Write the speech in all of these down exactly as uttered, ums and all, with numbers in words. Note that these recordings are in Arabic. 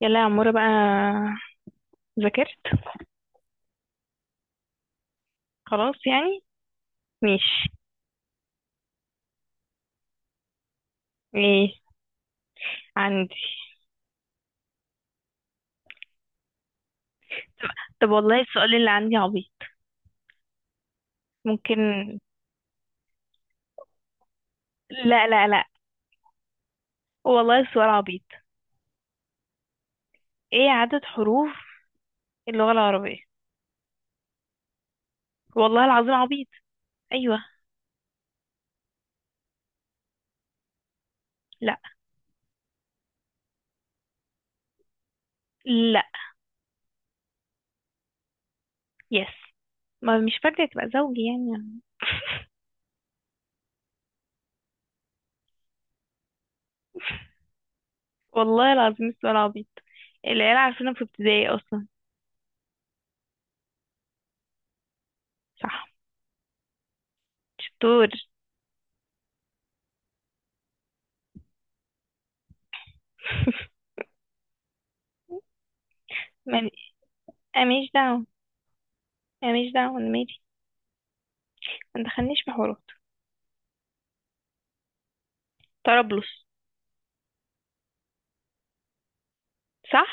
يلا يا عمورة بقى. ذاكرت؟ خلاص يعني. ماشي. ايه؟ عندي. طب والله السؤال اللي عندي عبيط، ممكن؟ لا لا لا، والله السؤال عبيط. ايه عدد حروف اللغة العربية؟ والله العظيم عبيط. ايوه. لا. لا. يس. ما مش فاكرة، تبقى زوجي يعني. والله العظيم السؤال عبيط، العيال عارفينه في ابتدائي اصلا. صح. شطور. ما- أنا ماليش دعوة، أنا ماليش دعوة، أنا مالي. ما تدخلنيش في حوارات. طرابلس. صح.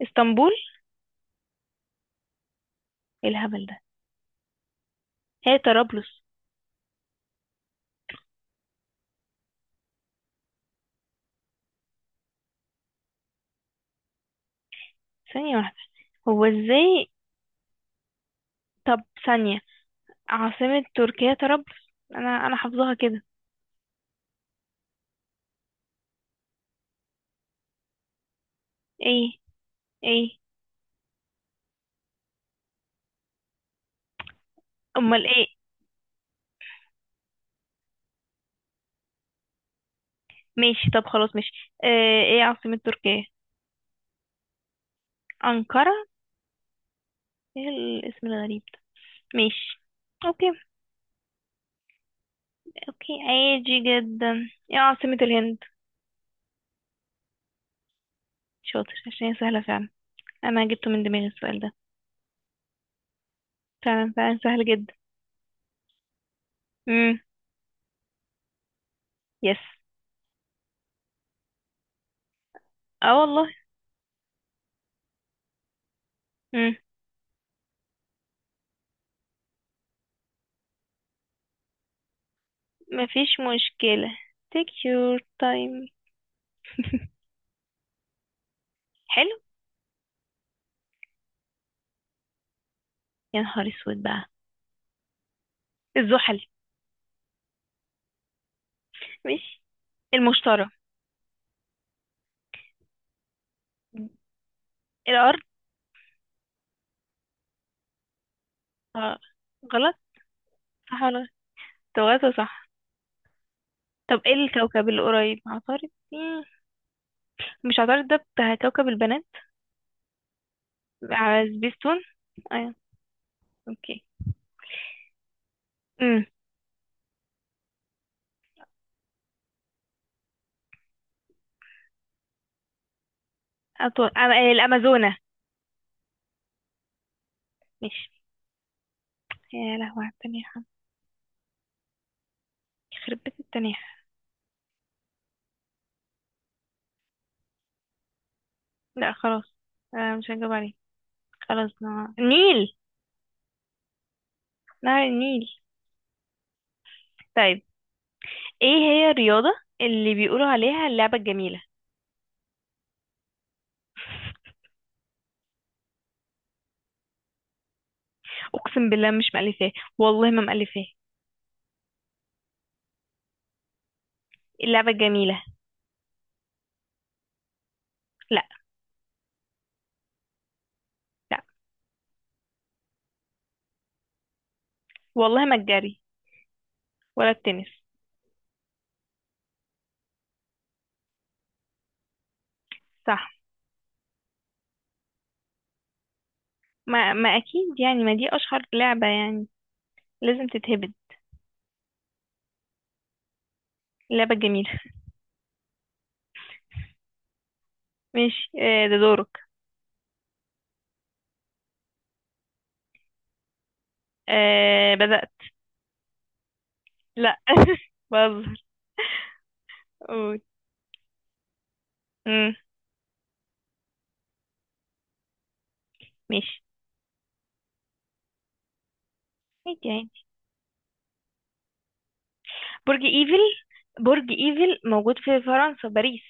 اسطنبول. ايه الهبل ده؟ هي طرابلس. ثانية واحدة، هو ازاي؟ طب، ثانية. عاصمة تركيا طرابلس، انا انا حافظاها كده. ايه؟ ايه؟ امال ايه؟ ماشي طب خلاص، ماشي اه. ايه عاصمة تركيا؟ انقرة. ايه الاسم الغريب ده؟ ماشي. اوكي. اوكي عادي جدا. ايه عاصمة الهند؟ شاطر، عشان هي سهلة فعلا. انا جبته من دماغي السؤال ده. فعلا فعلا سهل جدا. امم. يس. اه والله. امم. مفيش مشكلة. take your time. حلو. يا نهار اسود بقى. الزحل. ماشي. المشتري. الارض. آه، غلط. صح ولا غلط؟ توازو صح. طب ايه الكوكب القريب؟ عطارد. مم. مش عطارد ده بتاع كوكب البنات على سبيستون؟ ايوه. اوكي. امم. أطول أم... آه، الامازونة. ماشي. يا لهوي على التنيحة. يخرب بيت التنيحة. لا خلاص، آه مش هجاوب عليه. خلاص نهار النيل. نهر النيل. طيب، ايه هي الرياضة اللي بيقولوا عليها اللعبة الجميلة؟ اقسم بالله مش مألفاه، والله ما مألفاه. اللعبة جميلة. لا. لا. والله ما الجري. ولا التنس. صح. ما ما اكيد يعني، ما دي اشهر لعبة يعني، لازم تتهبد. لعبة جميلة. ماشي آه ده دورك. آه بدأت. لا. بهزر. قول. امم. ماشي. عادي عادي. برج ايفل، برج ايفل موجود في فرنسا باريس.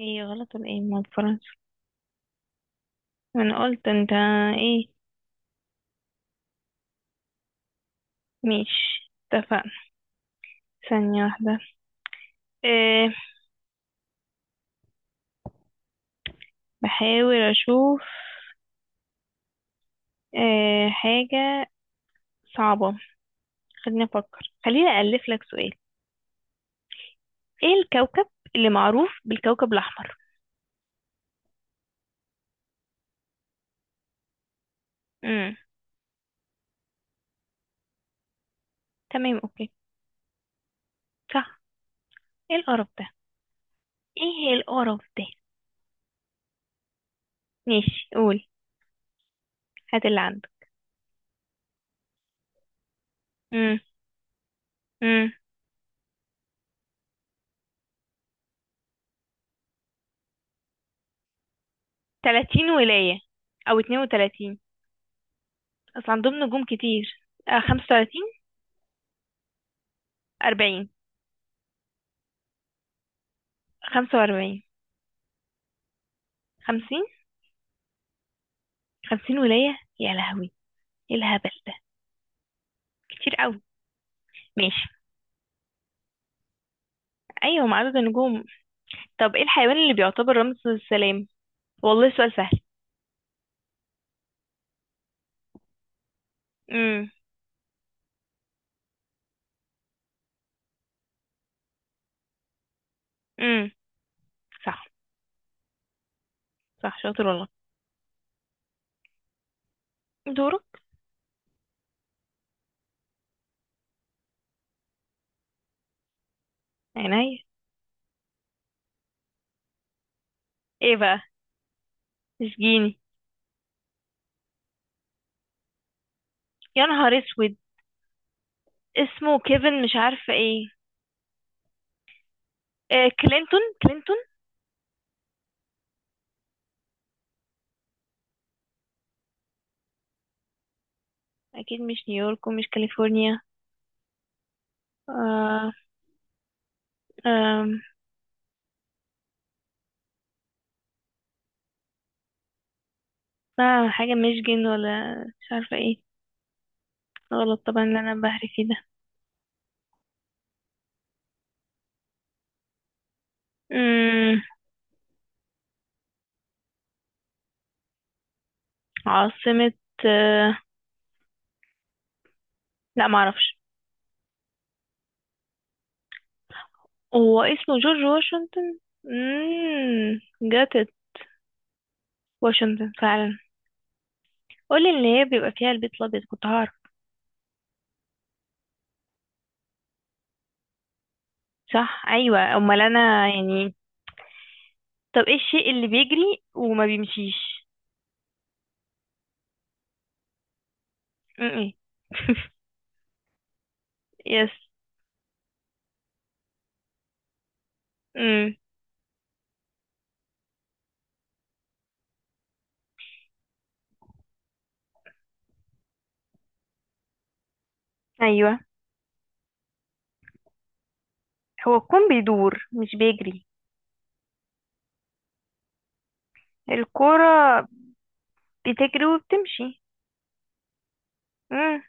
ايه، غلط ولا ايه؟ ما فرنسا. انا قلت. انت ايه؟ ماشي، اتفقنا. ثانية واحدة. آه، بحاول اشوف. آه حاجة صعبة. خليني افكر، خليني أألف لك سؤال. ايه الكوكب اللي معروف بالكوكب الاحمر؟ امم. تمام اوكي. صح. ايه القرف ده؟ ايه القرف ده؟ ماشي قول، هات اللي عندك. امم امم ثلاثين ولاية، او اثنين وثلاثين. اصل عندهم نجوم كتير. آه خمسة وتلاتين. اربعين. خمسة واربعين. خمسين. خمسين ولاية، يا لهوي. ايه الهبل ده؟ كتير قوي. ماشي، ايوه، مع عدد النجوم. طب ايه الحيوان اللي بيعتبر رمز السلام؟ والله سؤال سهل. امم. امم. صح. صح شاطر والله. دورك. عينيا. ايه بقى؟ اشجيني. يا نهار اسود. اسمه كيفن، مش عارفه ايه. آه كلينتون كلينتون. اكيد مش نيويورك ومش كاليفورنيا. آه آه آه حاجه ميشيغان ولا مش عارفه ايه. غلط طبعا، اللي انا بهري فيه ده. امم. عاصمه. آه لا معرفش. هو اسمه جورج واشنطن؟ امم جت واشنطن فعلا. قولي اللي هي بيبقى فيها البيت الابيض كنت هعرف. صح. ايوه، امال انا يعني. طب ايه الشيء اللي بيجري وما بيمشيش؟ م-م. يس. امم. ايوه. هو الكون بيدور مش بيجري. الكرة بتجري وبتمشي. امم.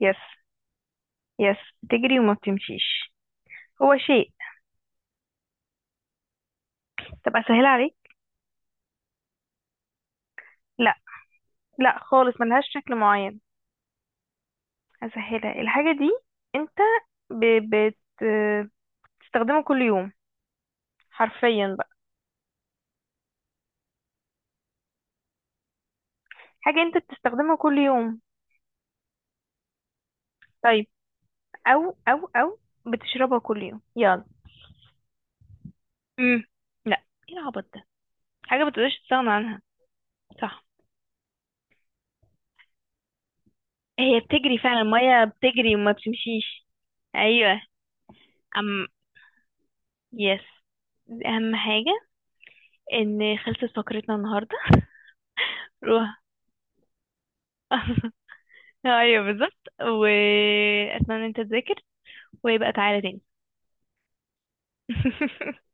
يس يس، بتجري وما بتمشيش. هو شيء. طب اسهلها عليك. لا. لا خالص، ملهاش شكل معين. اسهلها الحاجة دي. انت ب... بت... بتستخدمه كل يوم، حرفيا بقى. حاجة انت بتستخدمها كل يوم. طيب، او او او بتشربها كل يوم، يلا. امم. لا ايه العبط ده. حاجة بتقدرش تستغنى عنها. صح. هي بتجري فعلا. المية بتجري وما بتمشيش. ايوه. ام. يس. دي اهم حاجة. ان خلصت فقرتنا النهاردة. روح. ايوه بالظبط، واتمنى ان انت تذاكر ويبقى تعالى تاني.